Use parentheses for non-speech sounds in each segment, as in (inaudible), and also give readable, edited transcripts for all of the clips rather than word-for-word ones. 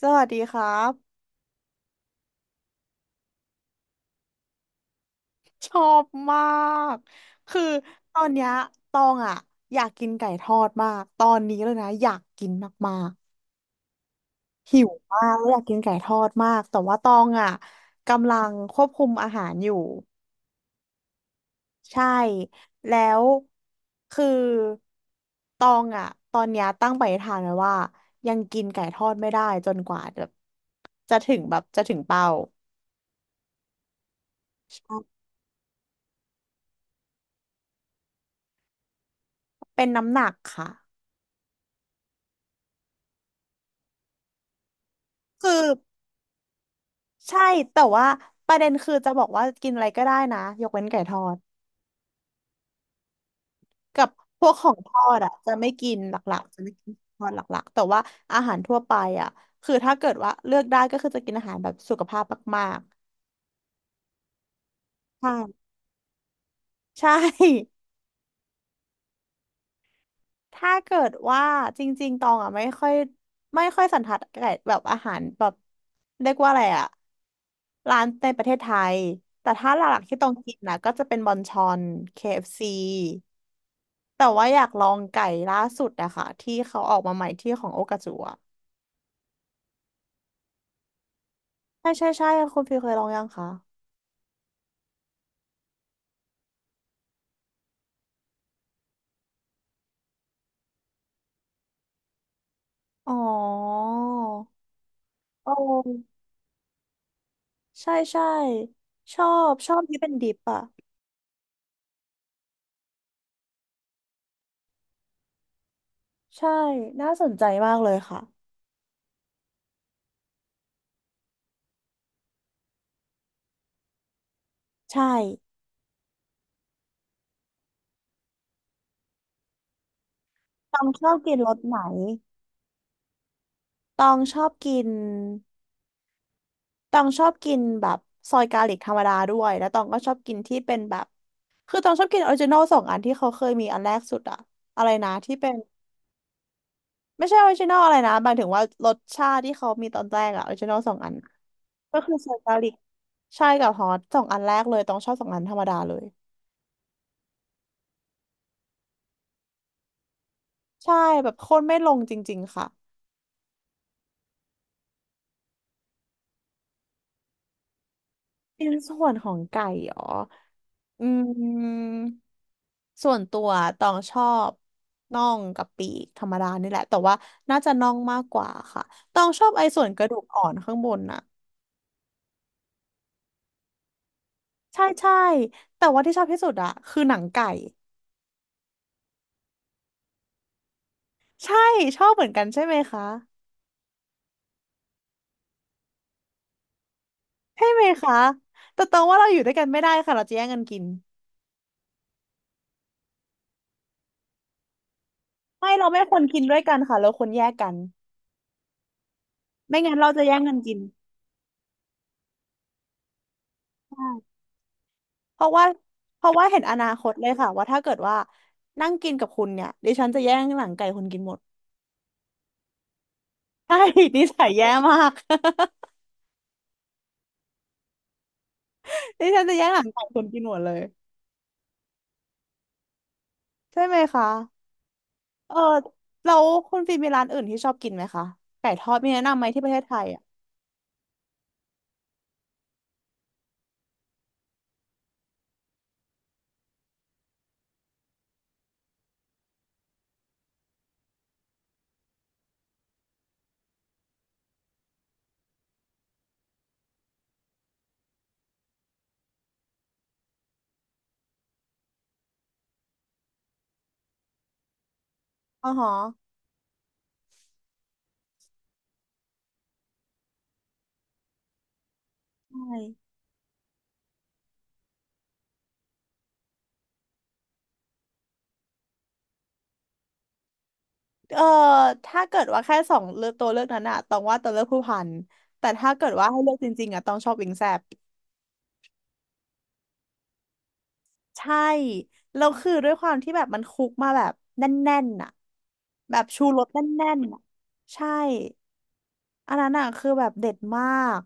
สวัสดีครับชอบมากคือตอนเนี้ยตองอ่ะอยากกินไก่ทอดมากตอนนี้เลยนะอยากกินมากๆหิวมากแล้วอยากกินไก่ทอดมากแต่ว่าตองอ่ะกำลังควบคุมอาหารอยู่ใช่แล้วคือตองอ่ะตอนเนี้ยตั้งปณิธานไว้ว่ายังกินไก่ทอดไม่ได้จนกว่าแบบจะถึงแบบจะถึงเป้าเป็นน้ำหนักค่ะคือ ใช่แต่ว่าประเด็นคือจะบอกว่ากินอะไรก็ได้นะยกเว้นไก่ทอดกับพวกของทอดอ่ะจะไม่กินหลักๆจะไม่กินทอดหลักๆแต่ว่าอาหารทั่วไปอ่ะคือถ้าเกิดว่าเลือกได้ก็คือจะกินอาหารแบบสุขภาพมากๆใช่ใช่ (laughs) ถ้าเกิดว่าจริงๆตองอ่ะไม่ค่อยไม่ค่อยสันทัดไก่แบบอาหารแบบเรียกว่าอะไรอ่ะร้านในประเทศไทยแต่ถ้าหลักๆที่ต้องกินนะก็จะเป็นบอนชอน KFC แต่ว่าอยากลองไก่ล่าสุดอะค่ะที่เขาออกมาใหม่ที่ของโอกาจูอะใช่ใช่ใช่คุณฟิลเคยลองยังคะอ๋อโอ้ใช่ใช่ชอบชอบที่เป็นดิปอะใช่น่าสนใจมากเลยค่ะใช่ตองชอบกินรสไหนตองชอบกินตองชอบกินแบบซอยกาลิกธรรมดาด้วยแล้วตองก็ชอบกินที่เป็นแบบคือตองชอบกินออริจินอลสองอันที่เขาเคยมีอันแรกสุดอะอะไรนะที่เป็น ไม่ใช่ออริจินอลอะไรนะหมายถึงว่ารสชาติที่เขามีตอนแรกอะออริจินอลสองอันก็คือใส่กาลิกใช่กับฮอตสองอันแรกเลยต้องชอบสองอันธรรมดาเลยใช่แบบโคตรไม่ลงจริงๆค่ะเป็นส่วนของไก่เหรออืมส่วนตัวต้องชอบน่องกับปีกธรรมดานี่แหละแต่ว่าน่าจะน่องมากกว่าค่ะต้องชอบไอ้ส่วนกระดูกอ่อนข้างบนน่ะใช่ใช่แต่ว่าที่ชอบที่สุดอะคือหนังไก่ใช่ชอบเหมือนกันใช่ไหมคะ ใช่ไหมคะแต่ตรงว่าเราอยู่ด้วยกันไม่ได้ค่ะเราจะแย่งกันกินไม่เราไม่ควรกินด้วยกันค่ะเราควรแยกกันไม่งั้นเราจะแย่งกันกินใช่เพราะว่าเพราะว่าเห็นอนาคตเลยค่ะว่าถ้าเกิดว่านั่งกินกับคุณเนี่ยดิฉันจะแย่งหลังไก่คุณกินหมดใช่ (laughs) นิสัยแย่มาก (laughs) ดิฉันจะแย่งหลังไก่คุณกินหมดเลยใช่ไหมคะเออแล้วคุณฟิล์มมีร้านอื่นที่ชอบกินไหมคะไก่ทอดมีแนะนำไหมที่ประเทศไทยอ่ะอ๋อฮะใช่ เออถ้าเกิดว่าแค่สองเลือกตัวเลือกนั้นอะต้องว่าตัวเลือกผู้พันแต่ถ้าเกิดว่าให้เลือกจริงๆอะต้องชอบวิงแซบใช่แล้วคือด้วยความที่แบบมันคุกมาแบบแน่นๆอะแบบชูรสแน่นๆอะใช่อันนั้นอะคือแบบเด็ดมาก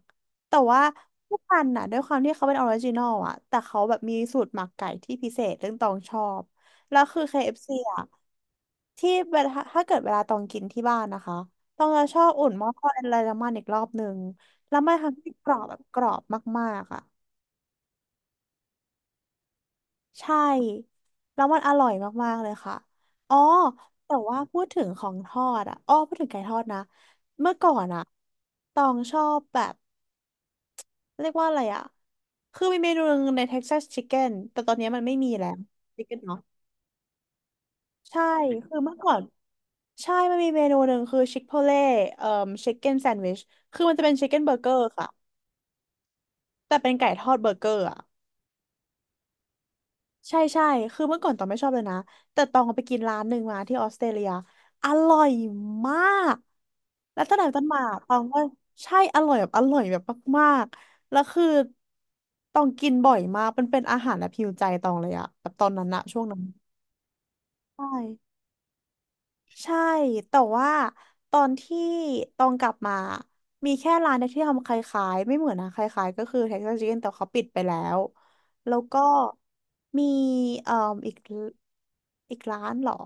แต่ว่าผู้พันอะด้วยความที่เขาเป็นออริจินอลอะแต่เขาแบบมีสูตรหมักไก่ที่พิเศษเรื่องตองชอบแล้วคือเคเอฟซีอะ ที่เวลาถ้าเกิดเวลาตองกินที่บ้านนะคะตองจะชอบอุ่นหม้อทอดอะไรน้ำมันอีกรอบหนึ่งแล้วมันทำให้กรอบแบบกรอบมากๆอ่ะใช่แล้วมันอร่อยมากๆเลยค่ะอ๋อแต่ว่าพูดถึงของทอดอ่ะอ้อพูดถึงไก่ทอดนะเมื่อก่อนอ่ะตองชอบแบบเรียกว่าอะไรอ่ะคือมีเมนูหนึงใน Texas Chicken แต่ตอนนี้มันไม่มีแล้ว Chicken เนาะใช่คือเมื่อก่อน ใช่ มันมีเมนูหนึ่งคือชิคโพเล่เอ่อชิคเก้นแซนด์วิชคือมันจะเป็นชิคเก้นเบอร์เกอร์ค่ะ แต่เป็นไก่ทอดเบอร์เกอร์อ่ะใช่ใช่ คือเมื่อก่อนตองไม่ชอบเลยนะ แต่ตองไปกินร้านหนึ่งมาที่ออสเตรเลียอร่อยมาก แล้วตั้งแต่ต้นมาตองก็ใช่อร่อยแบบอร่อยแบบมากๆแล้วคือตองกินบ่อยมากมันเป็นอาหารและพิวใจตองเลยอะแบบตอนนั้นอะช่วงนั้นใช่ ใช่ แต่ว่าตอนที่ตองกลับมา มีแค่ร้านเดียวที่ทำคล้ายๆไม่เหมือนนะคล้ายๆก็คือ Texas Chicken แต่เขาปิดไปแล้ว แล้วก็มีเอ่ออีกอีกร้านเหรอ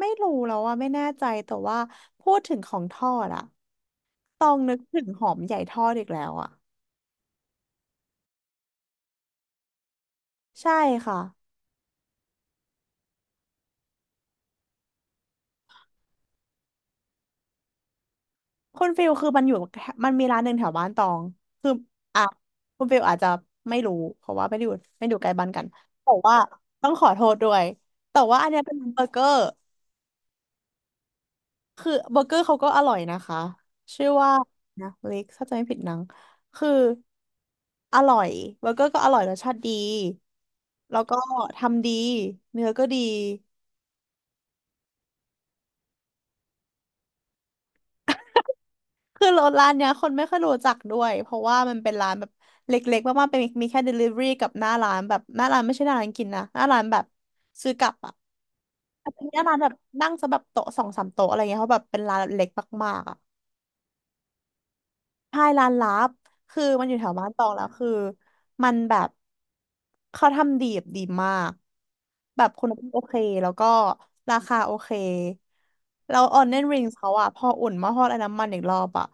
ไม่รู้แล้วว่าไม่แน่ใจแต่ว่าพูดถึงของทอดอะตองนึกถึงหอมใหญ่ทอดอีกแล้วอะใช่ค่ะ คุณฟิลคือมันอยู่แถวมันมีร้านหนึ่งแถวบ้านตองคืออ่ะคุณฟิลอาจจะไม่รู้เพราะว่าไม่ได้อยู่ใกล้บ้านกันแต่ว่าต้องขอโทษด้วยแต่ว่าอันเนี้ยเป็นเบอร์เกอร์คือเบอร์เกอร์เขาก็อร่อยนะคะชื่อว่านะลิกถ้าจะไม่ผิดนังคืออร่อยเบอร์เกอร์ก็อร่อยรสชาติดีแล้วก็ทำดีเนื้อก็ดี คือรถร้านเนี้ยคนไม่ค่อยรู้จักด้วยเพราะว่ามันเป็นร้านแบบเล็กๆมากๆเป็นมีแค่ delivery กับหน้าร้านแบบหน้าร้านไม่ใช่หน้าร้านกินนะหน้าร้านแบบซื้อกลับอ่ะอันนี้หน้าร้านแบบนั่งซะแบบโต๊ะสองสามโต๊ะอะไรเงี้ยเพราะแบบเป็นร้านเล็กมากๆอ่ะ ใช่ร้านลับคือมันอยู่แถวบ้านตองแล้วคือมันแบบเขาทำดีแบบดีมากแบบคุณภาพโอเคแล้วก็ราคาโอเคแล้วออนเนนริงเขาอะพออุ่นหมาทอดไอ้น้ำมันอีกรอบอะ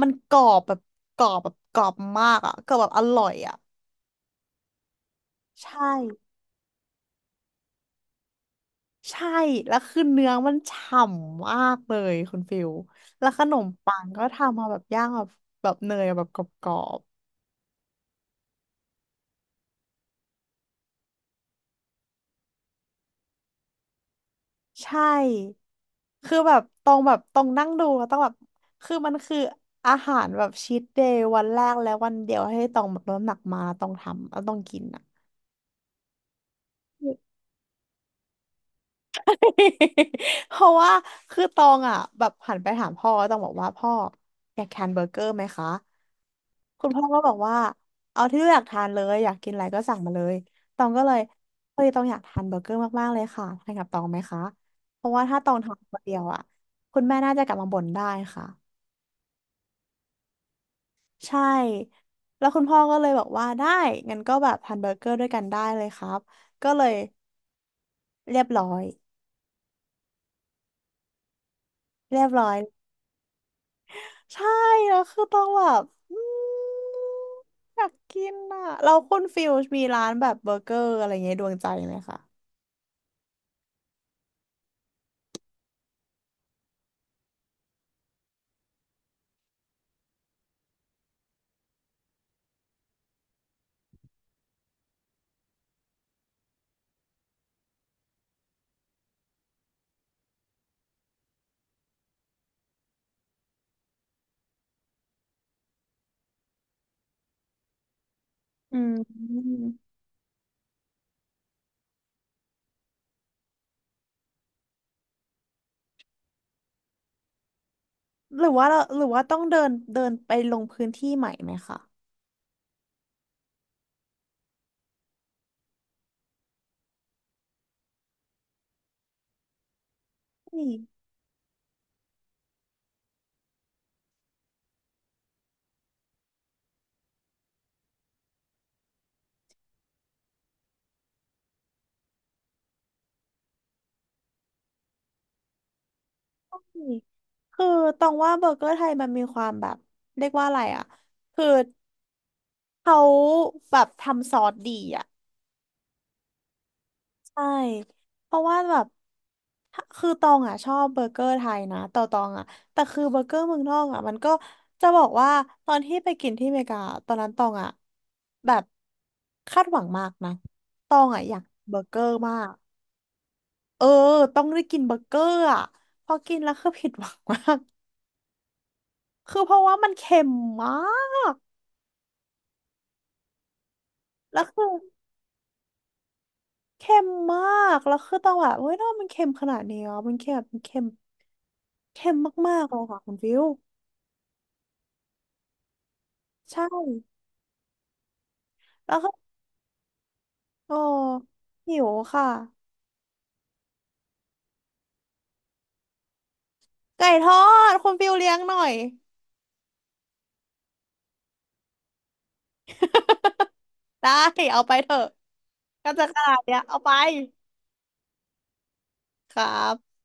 มันกรอบแบบกรอบมากอะกรอบแบบอร่อยอะใช่ใช่แล้วคือเนื้อมันฉ่ำมากเลยคุณฟิลแล้วขนมปังก็ทำมาแบบย่างแบบเนยแบบกรอบ ใช่ คือแบบตรงแบบตรงนั่งดูแล้วต้องแบบคือมันคืออาหารแบบชีทเดย์วันแรกและวันเดียวให้ตองแบบลดน้ำหนักมาแล้วต้องทำแล้วต้องกินอ่ะ (laughs) เพราะว่าคือตองอ่ะแบบหันไปถามพ่อแล้วตองบอกว่าพ่ออยากทานเบอร์เกอร์ไหมคะคุณพ่อก็บอกว่าเอาที่ลูกอยากทานเลยอยากกินอะไรก็สั่งมาเลยตองก็เลยเฮ้ยตองอยากทานเบอร์เกอร์มากๆเลยค่ะทานกับตองไหมคะเพราะว่าถ้าตองทานคนเดียวอ่ะคุณแม่น่าจะกลับมาบ่นได้ค่ะ ใช่แล้วคุณพ่อก็เลยบอกว่าได้ งั้นก็แบบทานเบอร์เกอร์ด้วยกันได้เลยครับก็เลยเรียบร้อยเรียบร้อย ใช่แล้วคือต้องแบบอืมอยากกินอ่ะเราคุณฟิลมีร้านแบบเบอร์เกอร์อะไรเงี้ยดวงใจไหมคะอืมหรือว่าเราหรือว่าต้องเดินเดินไปลงพื้นที่ใหม่ไหมคะนี่นี่คือตองว่าเบอร์เกอร์ไทยมันมีความแบบเรียกว่าอะไรอ่ะคือเขาแบบทำซอสดีอ่ะ ใช่ เพราะว่าแบบถ้าคือตองอ่ะชอบเบอร์เกอร์ไทยนะแต่อตองอ่ะแต่คือเบอร์เกอร์เมืองนอกอ่ะมันก็จะบอกว่าตอนที่ไปกินที่อเมริกาตอนนั้นตองอ่ะแบบคาดหวังมากนะตองอ่ะอยากเบอร์เกอร์มากเออต้องได้กินเบอร์เกอร์อ่ะพอกินแล้วคือผิดหวังมากคือเพราะว่ามันเค็มมาก แล้วคือเค็มมากแล้วคือตองแบบเฮ้ยทำไมมันเค็มขนาดนี้อ่ะมันเค็มแบบมันเค็มเค็มมากๆเลยค่ะคุณฟิวใช่ แล้วก็โอ้หิวค่ะไก่ทอดคุณฟิวเลี้ยงหน่อยได้เอาไปเถอะก็จะขนาดเนี้ยเอาไปครับ